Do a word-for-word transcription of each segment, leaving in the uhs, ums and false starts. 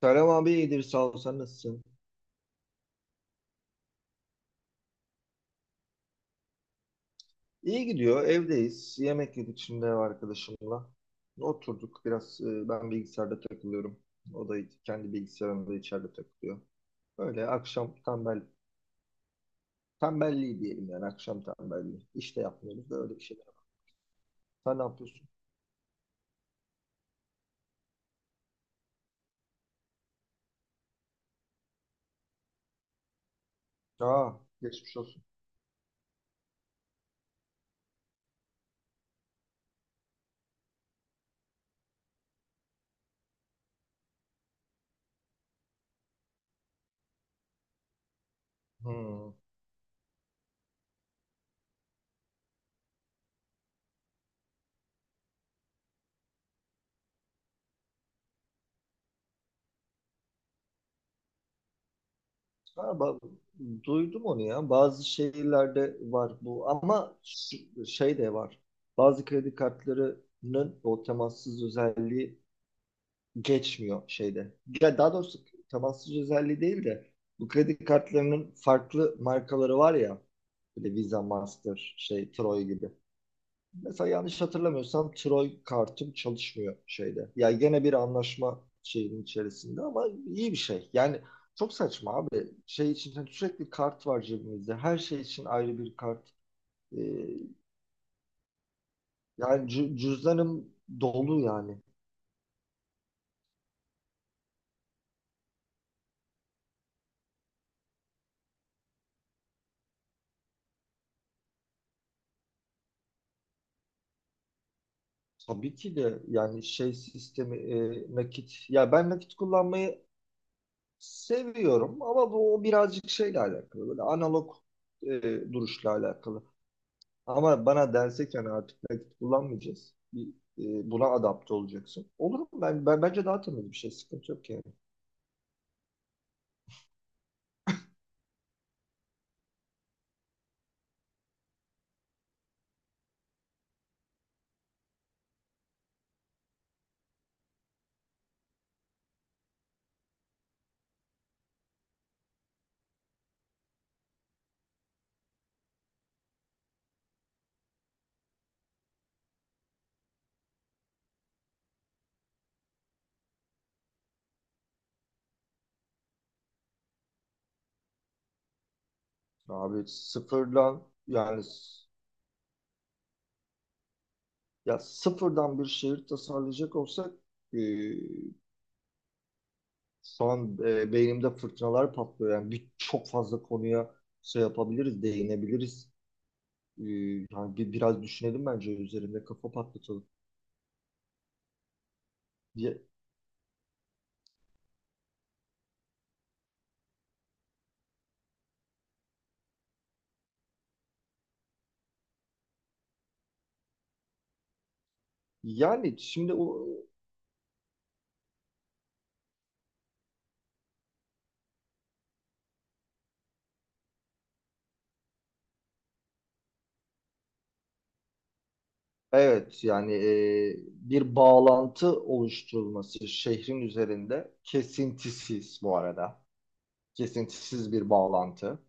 Selam abi, iyidir sağ ol, sen nasılsın? İyi gidiyor, evdeyiz, yemek yedik şimdi ev arkadaşımla. Oturduk biraz, e, ben bilgisayarda takılıyorum. O da kendi bilgisayarında içeride takılıyor. Öyle akşam tembel tembelliği diyelim, yani akşam tembelliği. İş de yapmıyoruz da, öyle bir şeyler. Sen ne yapıyorsun? Aa, geçmiş olsun. Hmm. Ha, ba- duydum onu ya, bazı şehirlerde var bu, ama ş- şey de var. Bazı kredi kartlarının o temassız özelliği geçmiyor şeyde. Ya daha doğrusu temassız özelliği değil de, bu kredi kartlarının farklı markaları var ya. Böyle Visa, Master, şey Troy gibi. Mesela yanlış hatırlamıyorsam Troy kartım çalışmıyor şeyde. Ya gene bir anlaşma şeyinin içerisinde, ama iyi bir şey. Yani çok saçma abi. Şey için, hani sürekli kart var cebimizde. Her şey için ayrı bir kart. Ee, yani cü- cüzdanım dolu yani. Tabii ki de, yani şey sistemi, e, nakit, ya ben nakit kullanmayı seviyorum ama bu o birazcık şeyle alakalı, böyle analog, e, duruşla alakalı. Ama bana dense ki hani artık nakit kullanmayacağız, bir, e, buna adapte olacaksın, olur mu? Ben, ben bence daha temiz bir şey, sıkıntı yok yani. Abi sıfırdan, yani s- ya sıfırdan bir şehir tasarlayacak olsak, e, son, e, beynimde fırtınalar patlıyor. Yani bir, çok fazla konuya şey yapabiliriz, değinebiliriz. Ee, yani bir, biraz düşünelim bence, üzerinde kafa patlatalım. Ya- Yani şimdi o, evet yani, e, bir bağlantı oluşturulması şehrin üzerinde, kesintisiz bu arada. Kesintisiz bir bağlantı.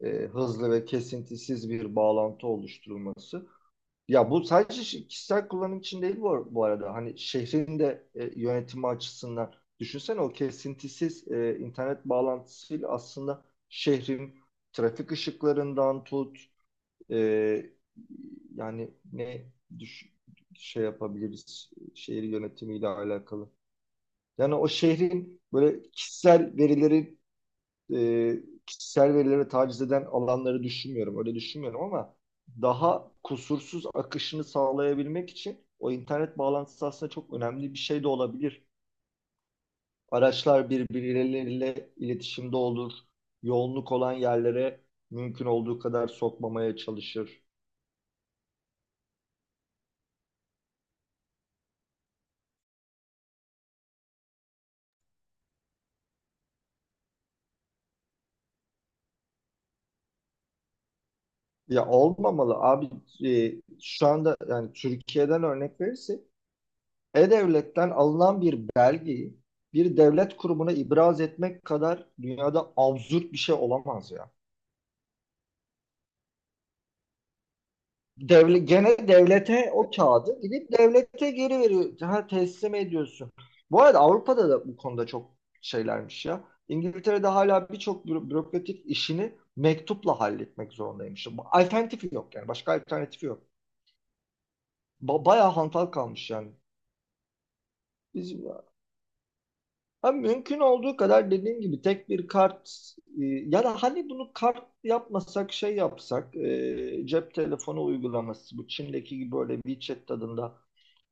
E, hızlı ve kesintisiz bir bağlantı oluşturulması. Ya bu sadece şi- kişisel kullanım için değil bu, bu arada. Hani şehrin de, e, yönetimi açısından, düşünsene o kesintisiz e, internet bağlantısıyla aslında şehrin trafik ışıklarından tut, e, yani ne düş- şey yapabiliriz şehir yönetimiyle alakalı. Yani o şehrin böyle kişisel verileri, e, kişisel verilere taciz eden alanları düşünmüyorum. Öyle düşünmüyorum ama daha kusursuz akışını sağlayabilmek için o internet bağlantısı aslında çok önemli bir şey de olabilir. Araçlar birbirleriyle iletişimde olur. Yoğunluk olan yerlere mümkün olduğu kadar sokmamaya çalışır. Ya olmamalı abi. E, şu anda yani, Türkiye'den örnek verirsek E-Devlet'ten alınan bir belgeyi bir devlet kurumuna ibraz etmek kadar dünyada absürt bir şey olamaz ya. Devlet, gene devlete o kağıdı gidip devlete geri veriyor, ha, teslim ediyorsun. Bu arada Avrupa'da da bu konuda çok şeylermiş ya. İngiltere'de hala birçok büro- bürokratik işini mektupla halletmek zorundaymış. Bu alternatifi yok yani. Başka alternatifi yok. Ba bayağı hantal kalmış yani. Biz, ha, mümkün olduğu kadar dediğim gibi tek bir kart, e, ya da hani bunu kart yapmasak şey yapsak, e, cep telefonu uygulaması, bu Çin'deki gibi böyle WeChat tadında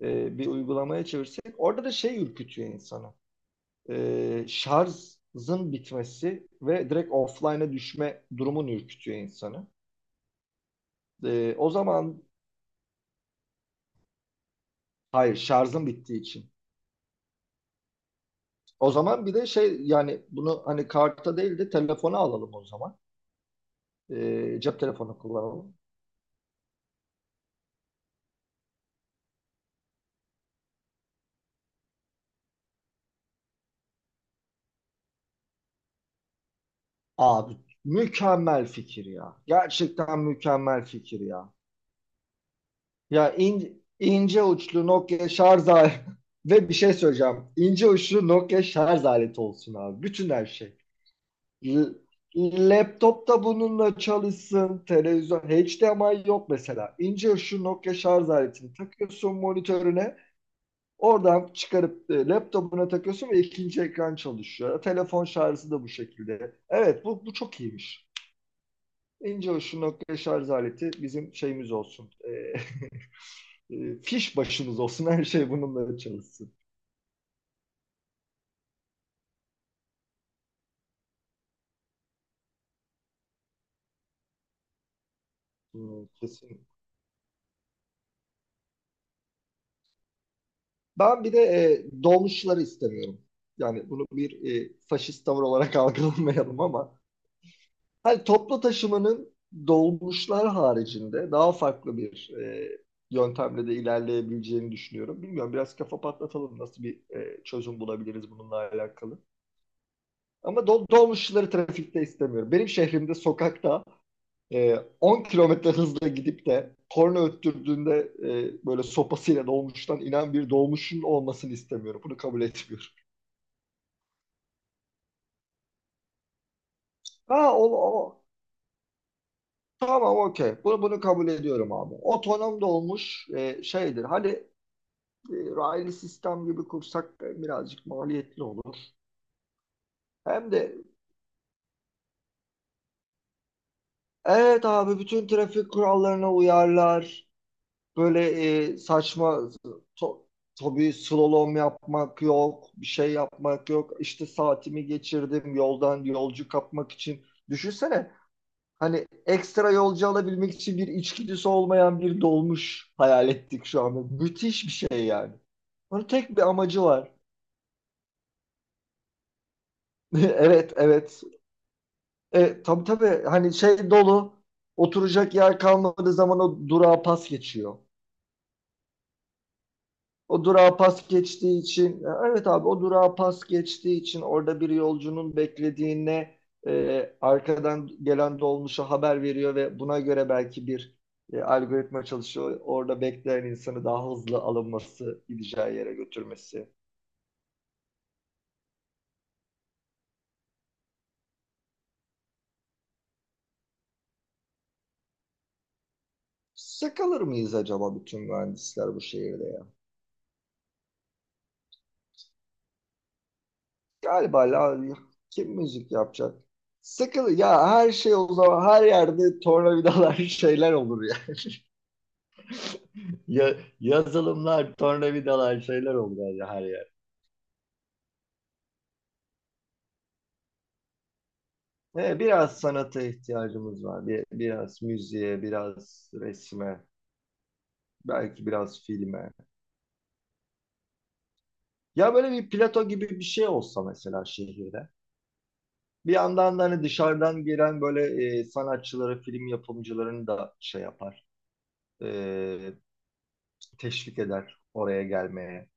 e, bir uygulamaya çevirsek, orada da şey ürkütüyor insanı. E, şarjın bitmesi ve direkt offline'a düşme durumun ürkütüyor insanı. E, o zaman, hayır, şarjın bittiği için. O zaman bir de şey, yani bunu hani karta değil de telefona alalım o zaman. E, cep telefonu kullanalım. Abi mükemmel fikir ya. Gerçekten mükemmel fikir ya. Ya in- ince uçlu Nokia şarj aleti ve bir şey söyleyeceğim. İnce uçlu Nokia şarj aleti olsun abi. Bütün her şey. L- laptop da bununla çalışsın. Televizyon H D M I yok mesela. İnce uçlu Nokia şarj aletini takıyorsun monitörüne. Oradan çıkarıp e, laptopuna takıyorsun ve ikinci ekran çalışıyor. Telefon şarjı da bu şekilde. Evet bu, bu çok iyiymiş. İnce uçlu nokta şarj aleti bizim şeyimiz olsun. Ee, e, fiş başımız olsun. Her şey bununla çalışsın. Hmm, kesin. Ben bir de e, dolmuşları istemiyorum. Yani bunu bir e, faşist tavır olarak algılamayalım ama hani toplu taşımanın dolmuşlar haricinde daha farklı bir e, yöntemle de ilerleyebileceğini düşünüyorum. Bilmiyorum, biraz kafa patlatalım, nasıl bir e, çözüm bulabiliriz bununla alakalı. Ama dol dolmuşları trafikte istemiyorum. Benim şehrimde sokakta e, on kilometre hızla gidip de korna öttürdüğünde e, böyle sopasıyla dolmuştan inen bir dolmuşun olmasını istemiyorum. Bunu kabul etmiyorum. Ha o, o, tamam, okey. Bunu, bunu kabul ediyorum abi. Otonom dolmuş e, şeydir. Hani e, raylı sistem gibi kursak da birazcık maliyetli olur. Hem de, evet abi, bütün trafik kurallarına uyarlar. Böyle e, saçma, to, tabii slalom yapmak yok, bir şey yapmak yok. İşte saatimi geçirdim yoldan yolcu kapmak için. Düşünsene, hani ekstra yolcu alabilmek için bir içgüdüsü olmayan bir dolmuş hayal ettik şu anda. Müthiş bir şey yani. Bunun tek bir amacı var. Evet, evet. E, tabii tabii, hani şey dolu, oturacak yer kalmadığı zaman o durağa pas geçiyor. O durağa pas geçtiği için, evet abi, o durağa pas geçtiği için orada bir yolcunun beklediğine e, arkadan gelen dolmuşa haber veriyor ve buna göre belki bir e, algoritma çalışıyor. Orada bekleyen insanı daha hızlı alınması, gideceği yere götürmesi. Sıkılır mıyız acaba bütün mühendisler bu şehirde ya? Galiba, la- kim müzik yapacak? Sıkılır ya her şey, o zaman her yerde tornavidalar şeyler olur ya. Ya, yazılımlar, tornavidalar, şeyler oldu yani her yer. Ee, biraz sanata ihtiyacımız var. Bir, biraz müziğe, biraz resme, belki biraz filme. Ya böyle bir plato gibi bir şey olsa mesela şehirde. Bir yandan da hani dışarıdan gelen böyle e, sanatçıları, film yapımcılarını da şey yapar, e, teşvik eder oraya gelmeye.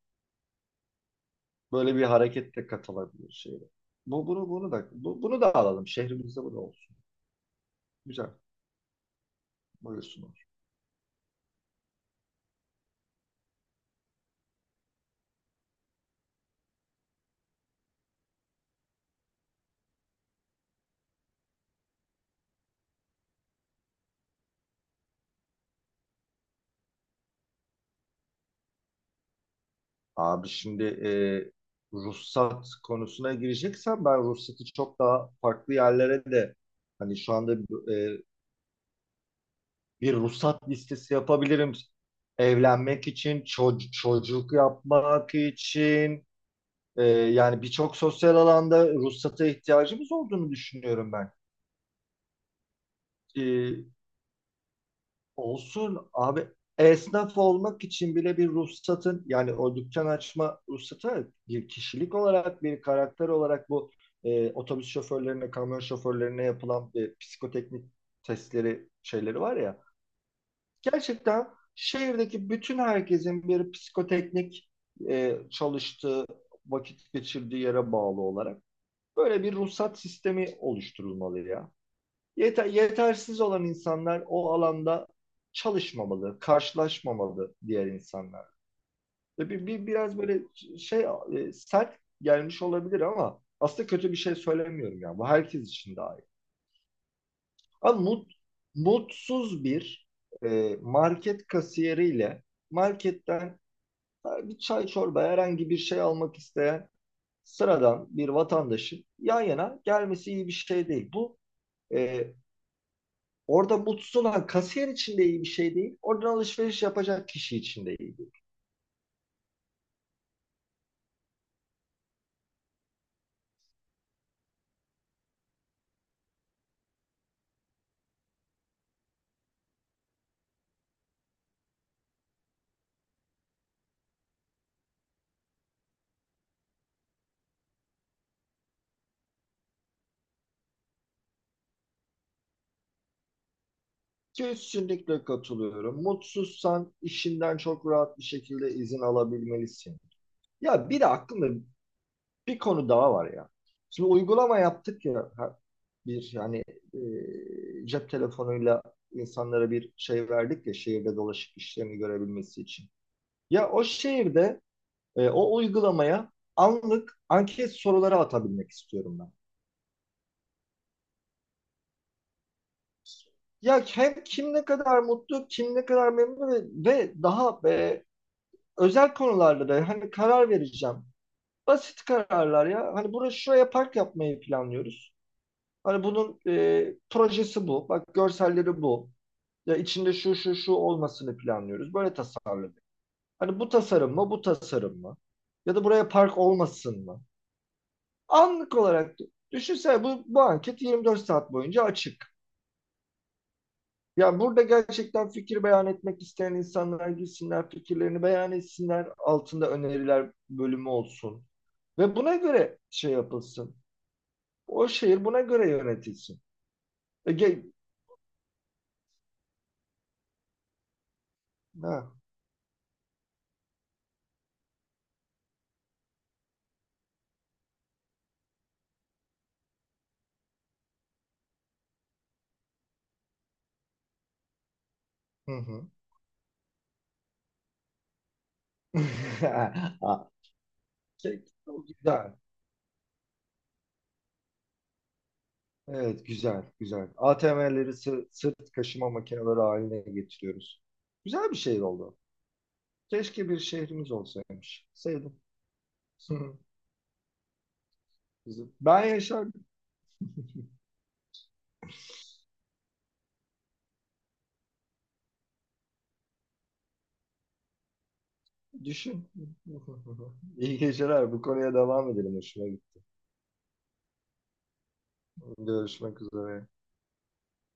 Böyle bir harekette katılabilir şehre. Bu, bunu, bunu da, bu- bunu da alalım. Şehrimizde bu da olsun. Güzel. Buyursun. Abi şimdi, e, ruhsat konusuna gireceksem ben ruhsatı çok daha farklı yerlere de, hani şu anda e, bir ruhsat listesi yapabilirim. Evlenmek için, ço- çocuk yapmak için, e, yani birçok sosyal alanda ruhsata ihtiyacımız olduğunu düşünüyorum ben. Olsun abi, esnaf olmak için bile bir ruhsatın, yani o dükkan açma ruhsatı, bir kişilik olarak bir karakter olarak, bu e, otobüs şoförlerine, kamyon şoförlerine yapılan e, psikoteknik testleri şeyleri var ya, gerçekten şehirdeki bütün herkesin bir psikoteknik, e, çalıştığı, vakit geçirdiği yere bağlı olarak böyle bir ruhsat sistemi oluşturulmalı ya. Yeter, yetersiz olan insanlar o alanda çalışmamalı, karşılaşmamalı diğer insanlar. Bir, bir, biraz böyle şey, e, sert gelmiş olabilir ama aslında kötü bir şey söylemiyorum yani, bu herkes için daha iyi. Ama mut, mutsuz bir e, market kasiyeriyle marketten bir çay, çorba, herhangi bir şey almak isteyen sıradan bir vatandaşın yan yana gelmesi iyi bir şey değil. Bu e, orada mutsuz olan kasiyer için de iyi bir şey değil. Oradan alışveriş yapacak kişi için de iyi değil. Kesinlikle katılıyorum. Mutsuzsan işinden çok rahat bir şekilde izin alabilmelisin. Ya bir de aklımda bir konu daha var ya. Şimdi uygulama yaptık ya, ha- bir hani, e, cep telefonuyla insanlara bir şey verdik ya şehirde dolaşıp işlerini görebilmesi için. Ya o şehirde e, o uygulamaya anlık anket soruları atabilmek istiyorum ben. Ya hem kim ne kadar mutlu, kim ne kadar memnun ve, ve daha e, özel konularda da hani karar vereceğim. Basit kararlar ya. Hani burası, şuraya park yapmayı planlıyoruz. Hani bunun e, projesi bu. Bak, görselleri bu. Ya içinde şu şu şu olmasını planlıyoruz. Böyle tasarladık. Hani bu tasarım mı, bu tasarım mı? Ya da buraya park olmasın mı? Anlık olarak düşünsene, bu, bu anket yirmi dört saat boyunca açık. Ya burada gerçekten fikir beyan etmek isteyen insanlar gitsinler, fikirlerini beyan etsinler. Altında öneriler bölümü olsun. Ve buna göre şey yapılsın. O şehir buna göre yönetilsin. E, ge- ha, hı hı. Ha, şey, güzel. Evet, güzel, güzel. A T M'leri sı- sırt kaşıma makineleri haline getiriyoruz. Güzel bir şehir oldu. Keşke bir şehrimiz olsaymış. Sevdim. Hı hı. Ben yaşardım. Düşün. İyi geceler. Bu konuya devam edelim. Hoşuma gitti. Görüşmek üzere.